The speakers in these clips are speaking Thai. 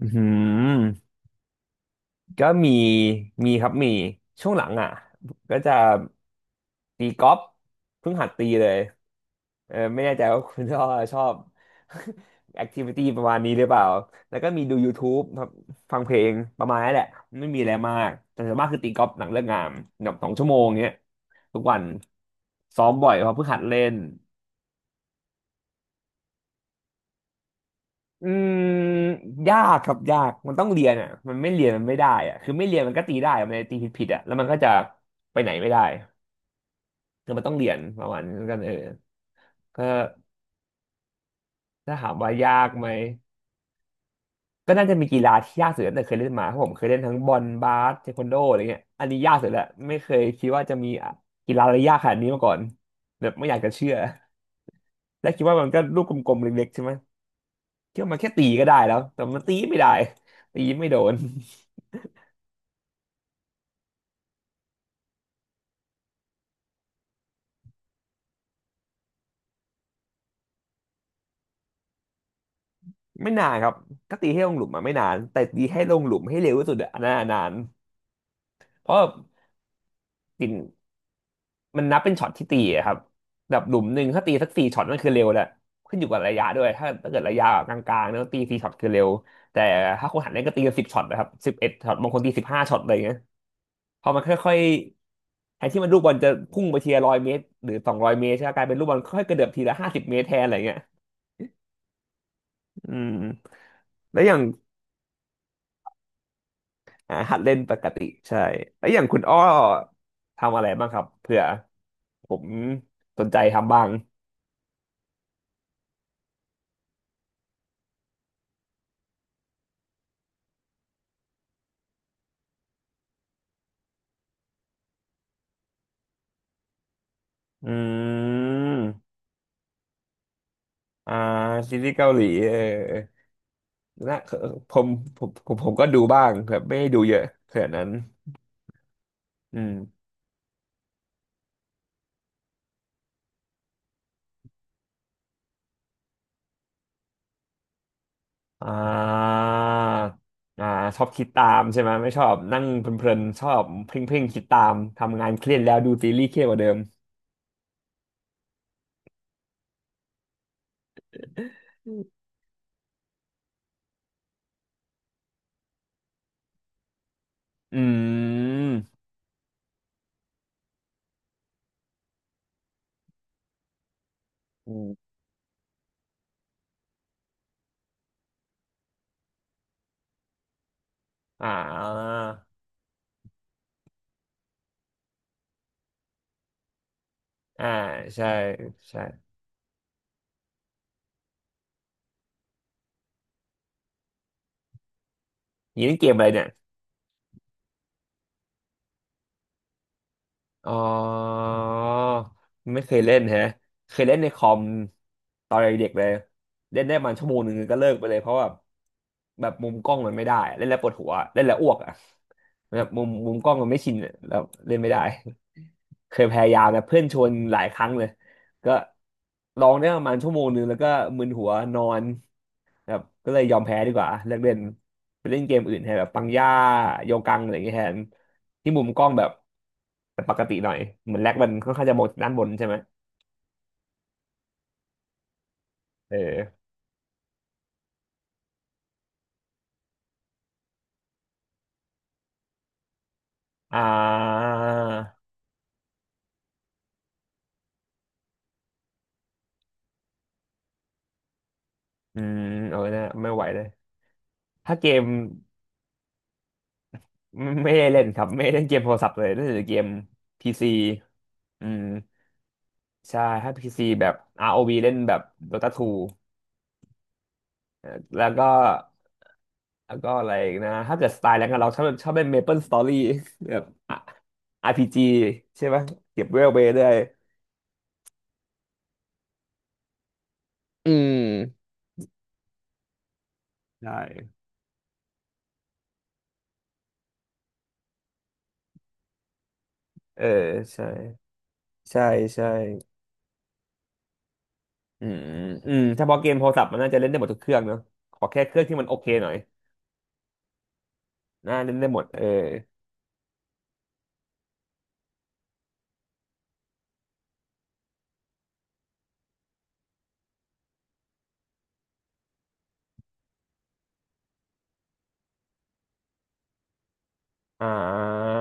อืมก็มีครับมีช่วงหลังอ่ะก็จะตีกอล์ฟเพิ่งหัดตีเลยเออไม่แน่ใจว่าคุณชอบชอบ แอคทิวิตี้ประมาณนี้หรือเปล่าแล้วก็มีดู YouTube ครับฟังเพลงประมาณนั้นแหละไม่มีอะไรมากแต่ส่วนมากคือตีกอล์ฟหลังเลิกงานแบบ2 ชั่วโมงเงี้ยทุกวันซ้อมบ่อยเพราะเพิ่งหัดเล่น อืมยากครับยากมันต้องเรียนอ่ะมันไม่เรียนมันไม่ได้อ่ะคือไม่เรียนมันก็ตีได้อะมันจะตีผิดอ่ะแล้วมันก็จะไปไหนไม่ได้คือมันต้องเรียนประมาณนั้นกันเออก็ถ้าถามว่ายากไหมก็น่าจะมีกีฬาที่ยากสุดตั้งแต่เคยเล่นมาเพราะผมเคยเล่นทั้งบอลบาสเทควันโดอะไรเงี้ยอันนี้ยากสุดแหละไม่เคยคิดว่าจะมีกีฬาอะไรยากขนาดนี้มาก่อนแบบไม่อยากจะเชื่อและคิดว่ามันก็ลูกกลมๆเล็กๆใช่ไหมคิดว่ามันแค่ตีก็ได้แล้วแต่มันตีไม่ได้ตีไม่โดน ไม่นานครับก็ตีให้ลงหลุมมาไม่นานแต่ตีให้ลงหลุมให้เร็วที่สุดอะอันนั้นอะนานเพราะตินมันนับเป็นช็อตที่ตีอะครับแบบหลุมหนึ่งถ้าตีสักสี่ช็อตนั่นคือเร็วแหละขึ้นอยู่กับระยะด้วยถ้าเกิดระยะกลางๆเนี่ยตีสี่ช็อตคือเร็วแต่ถ้าคนหันเล่นก็ตีกัน10 ช็อตนะครับ11 ช็อตบางคนตี15 ช็อตอะไรอย่างเงี้ยพอมันค่อยๆแทนที่มันลูกบอลจะพุ่งไปทีละร้อยเมตรหรือ200 เมตรใช่ไหมกลายเป็นลูกบอลค่อยๆกระเดือบทีละ50 เมตรแทนอะไรอย่างเงี้ยอืมแล้วอย่าง อ่าหัดเล่นปกติใช่แล้วอย่างคุณอ้อทำอะไรบ้างครับเผื่อผมสนใจทำบ้างอืมอ่าซีรีส์เกาหลีเออนะเออผมผมก็ดูบ้างแบบไม่ได้ดูเยอะขนาดนั้นอืมอ่าอ่าชอบคิดตามใช่ไหมไม่ชอบนั่งเพลินๆชอบเพ่งๆคิดตามทำงานเครียดแล้วดูซีรีส์เครียดกว่าเดิมอืมอืมอ่าอ่าใช่ใช่ นี่เล่นเกมอะไรเนี่ยอ๋อไม่เคยเล่นแฮะเคยเล่นในคอมตอนเด็กๆเลยเล่นได้ประมันชั่วโมงหนึ่งก็เลิกไปเลยเพราะว่าแบบมุมกล้องมันไม่ได้ เล่นแล้วปวดหัวเล่นแล้วอ้วกอ่ะแบบมุมกล้องมันไม่ชินอะแล้วเล่นไม่ได้ เคยพยายามนะเพื่อนชวนหลายครั้งเลยก็ลองได้ประมาณชั่วโมงหนึ่งแล้วก็มึนหัวนอนแบบก็เลยยอมแพ้ดีกว่าเลิกเล่น ไปเล่นเกมอื่นแทนแบบปังย่าโยกังอะไรอย่างเงี้ยแทนที่มุมกล้องแบบแต่ปกติหน่อยเหมือนแลกมันค่อนข้างจะมองด้านบนใช่ไหมเอออ่าอืมเอาไนะไม่ไหวเลยถ้าเกมไม่ได้เล่นครับไม่ได้เล่นเกมโทรศัพท์เลยเล่นแต่เกมพีซีอืมใช่ถ้าพีซีแบบ ROV เล่นแบบ Dota 2เอ่อแล้วก็ แล้วก็อะไรอีกนะถ้าเกิดสไตล์แรงกับเราชอบชอบเล่นเมเปิลสตอรี่แบบอ่ะRPG ใช่ไหมเก็บเวลไปเรื่อยอืมใช่เออใช่ใช่ใช่อืมถ้าพอเกมโทรศัพท์มันน่าจะเล่นได้หมดทุกเครื่องเนอะขอแค่เครื่องที่มันโอเคหน่อยน่าเล่นได้หมดเอออ่า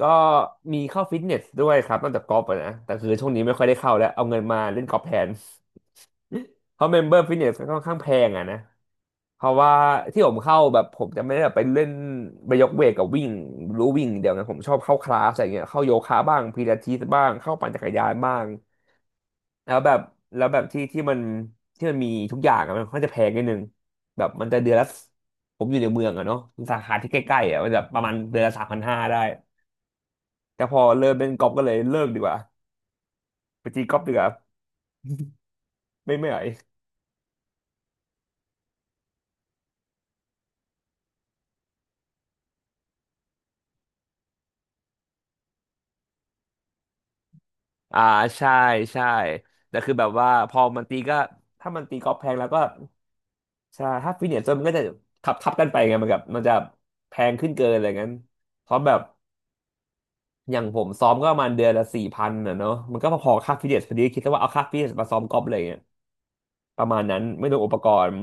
ก็มีเข้าฟิตเนสด้วยครับนอกจากกอล์ฟอะนะแต่คือช่วงนี้ไม่ค่อยได้เข้าแล้วเอาเงินมาเล่นกอล์ฟแทนเพราะเมมเบอร์ฟิตเนสก็ค่อนข้างแพงอ่ะนะ เพราะว่าที่ผมเข้าแบบผมจะไม่ได้แบบไปเล่นไปยกเวทกับวิ่งรู้วิ่งเดี๋ยวนะผมชอบเข้าคลาสอะไรเงี้ยเข้าโยคะบ้างพิลาทิสบ้างเข้าปั่นจักรยานบ้างแล้วแบบแล้วแบบที่มันที่มันมีทุกอย่างอะมันก็จะแพงนิดนึงแบบมันจะเดือนละผมอยู่ในเมืองอะเนาะสาขาที่ใกล้ๆอะมันจะประมาณเดือนละ3,500ได้แต่พอเริ่มเล่นกอล์ฟก็เลยเลิกดีกว่าไปตีกอล์ฟดีกว่าไม่ไหวอ่าใช่ใช่แต่คือแบบว่าพอมันตีก็ถ้ามันตีกอล์ฟแพงแล้วก็ ใช่ถ้าฟิตเนสมันก็จะขับทับกันไปไงมันกับมันจะแพงขึ้นเกินอะไรงั้นเพราะแบบอย่างผมซ้อมก็ประมาณเดือนละสี่พันอ่ะเนาะมันก็พอๆค่าฟิตเนสพอดีคิดซะว่าเอาค่าฟิตเนสมาซ้อมกอล์ฟเลยเนี่ยประมาณนั้นไม่รวมอุปกรณ์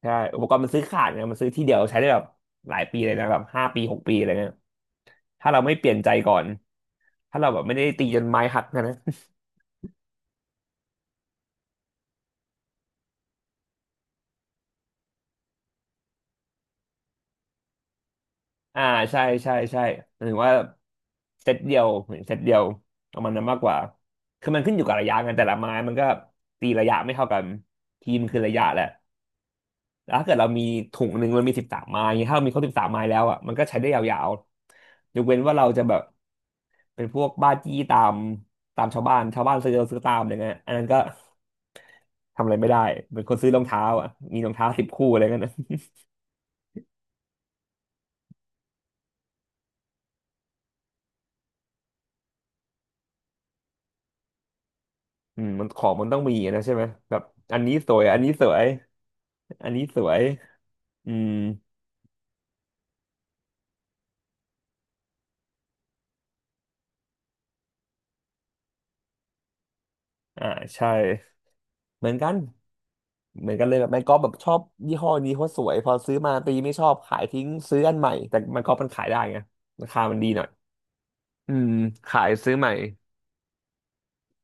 ใช่อุปกรณ์มันซื้อขาดไงมันซื้อที่เดียวใช้ได้แบบหลายปีเลยนะแบบห้าปีหกปีอะไรเงี้ยถ้าเราไม่เปลี่ยนใจก่อนถ้าเราแบบไม่ได้ตีจนไม้หักนะ อ่าใช่ใช่ใช่หมายถึงว่าเซตเดียวเหมือนเซตเดียวประมาณนั้นมากกว่าคือมันขึ้นอยู่กับระยะกันแต่ละไม้มันก็ตีระยะไม่เท่ากันทีมคือระยะแหละแล้วถ้าเกิดเรามีถุงหนึ่งมันมีสิบสามไม้อย่างเงี้ยถ้าเรามีครบสิบสามไม้แล้วอ่ะมันก็ใช้ได้ยาวๆยกเว้นว่าเราจะแบบเป็นพวกบ้าจี้ตามชาวบ้านชาวบ้านซื้อเราซื้อตามอะไรเงี้ยอันนั้นก็ทำอะไรไม่ได้เป็นคนซื้อรองเท้าอ่ะมีรองเท้าสิบคู่อะไรเงี้ยนะอืมมันของมันต้องมีอะนะใช่ไหมแบบอันนี้สวยอันนี้สวย อันนี้สวยอืมอ่าใช่เหมือนกันเหมือนกันเลยแบบไม้กอล์ฟแบบชอบยี่ห้อนี้เพราะสวยพอซื้อมาตีไม่ชอบขายทิ้งซื้ออันใหม่แต่ไม้กอล์ฟมันขายได้ไงราคามันดีหน่อยอืมขายซื้อใหม่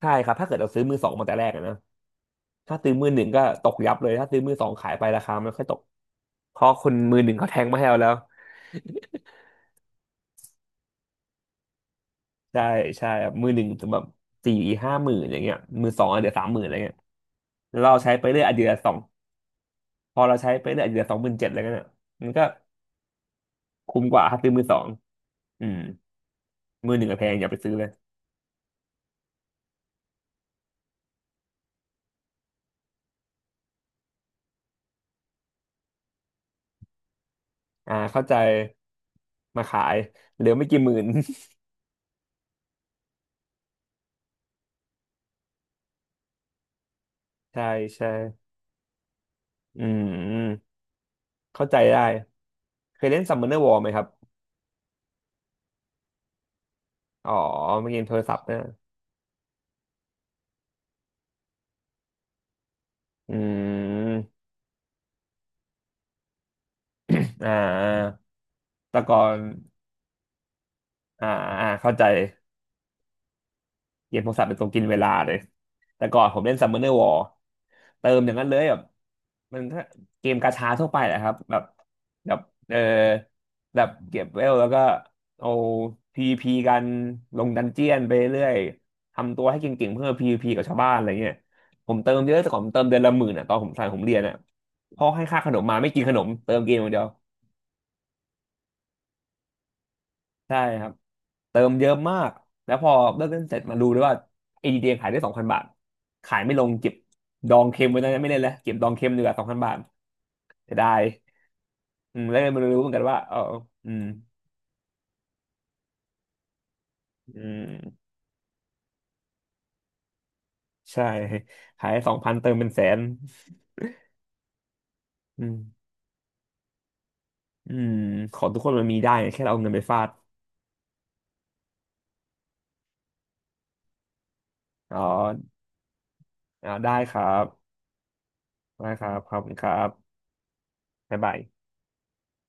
ใช่ครับถ้าเกิดเราซื้อมือสองมาแต่แรกอะนะถ้าซื้อมือหนึ่งก็ตกยับเลยถ้าซื้อมือสองขายไปราคามันค่อยตกเพราะคนมือหนึ่งเขาแทงมาให้เราแล้วใช่ใช่ครับมือหนึ่งแบบสี่ห้าหมื่นอย่างเงี้ยมือสองอเดี๋ยวสามหมื่นอะไรเงี้ยแล้วเราใช้ไปเรื่อยอะเจืสอง พอเราใช้ไปเรื่อยอาจจะเหลือสองหมื่นเจ็ดอะไรเงี้ยน่ะมันก็คุ้มกว่าถ้าซื้อมือสองอืมมือหนึ่งอะแพงอย่าไปซื้อเลยอ่าเข้าใจมาขายเหลือไม่กี่หมื่น ใช่ใช่อืมเข้าใจได้เคยเล่นซัมเนอร์วอไหมครับอ๋อเมื่อกี้โทรศัพท์นะอืม อ่าแต่ก่อนอ่าอ่าเข้าใจ เกมโทรศัพท์เป็นตัวกินเวลาเลยแต่ก่อนผมเล่น Summoner War เติมอย่างนั้นเลยแบบมันถ้าเกมกาชาทั่วไปแหละครับแบบเออแบบเก็บเวลแล้วก็เอาพีวีพีกันลงดันเจียนไปเรื่อยทำตัวให้เก่งๆเพื่อพีวีพีกับชาวบ้านอะไรเงี้ยผมเติมเยอะแต่ก่อนผมเติมเดือนละหมื่นอ่ะตอนผมสายผมเรียนอ่ะพ่อให้ค่าขนมมาไม่กินขนมเติมเกมอย่างเดียว ใช่ครับเติมเยอะมากแล้วพอเลิกเล่นเสร็จมาดูด้วยว่า ADD ขายได้สองพันบาทขายไม่ลงเก็บดองเค็มไว้ตอนนั้นไม่เล่นแล้วเก็บดองเค็มดีกว่าสองพันบาทเสียดายอืมแล้วก็มารู้เหมือนกันว่าเอออืมอืมใช่ขายสองพันเติมเป็นแสนอืมอืมของทุกคนมันมีได้ไงแค่เราเอาเงินไปฟาดอ๋ออาได้ครับได้ครับขอบคุณครับบ๊ายบาย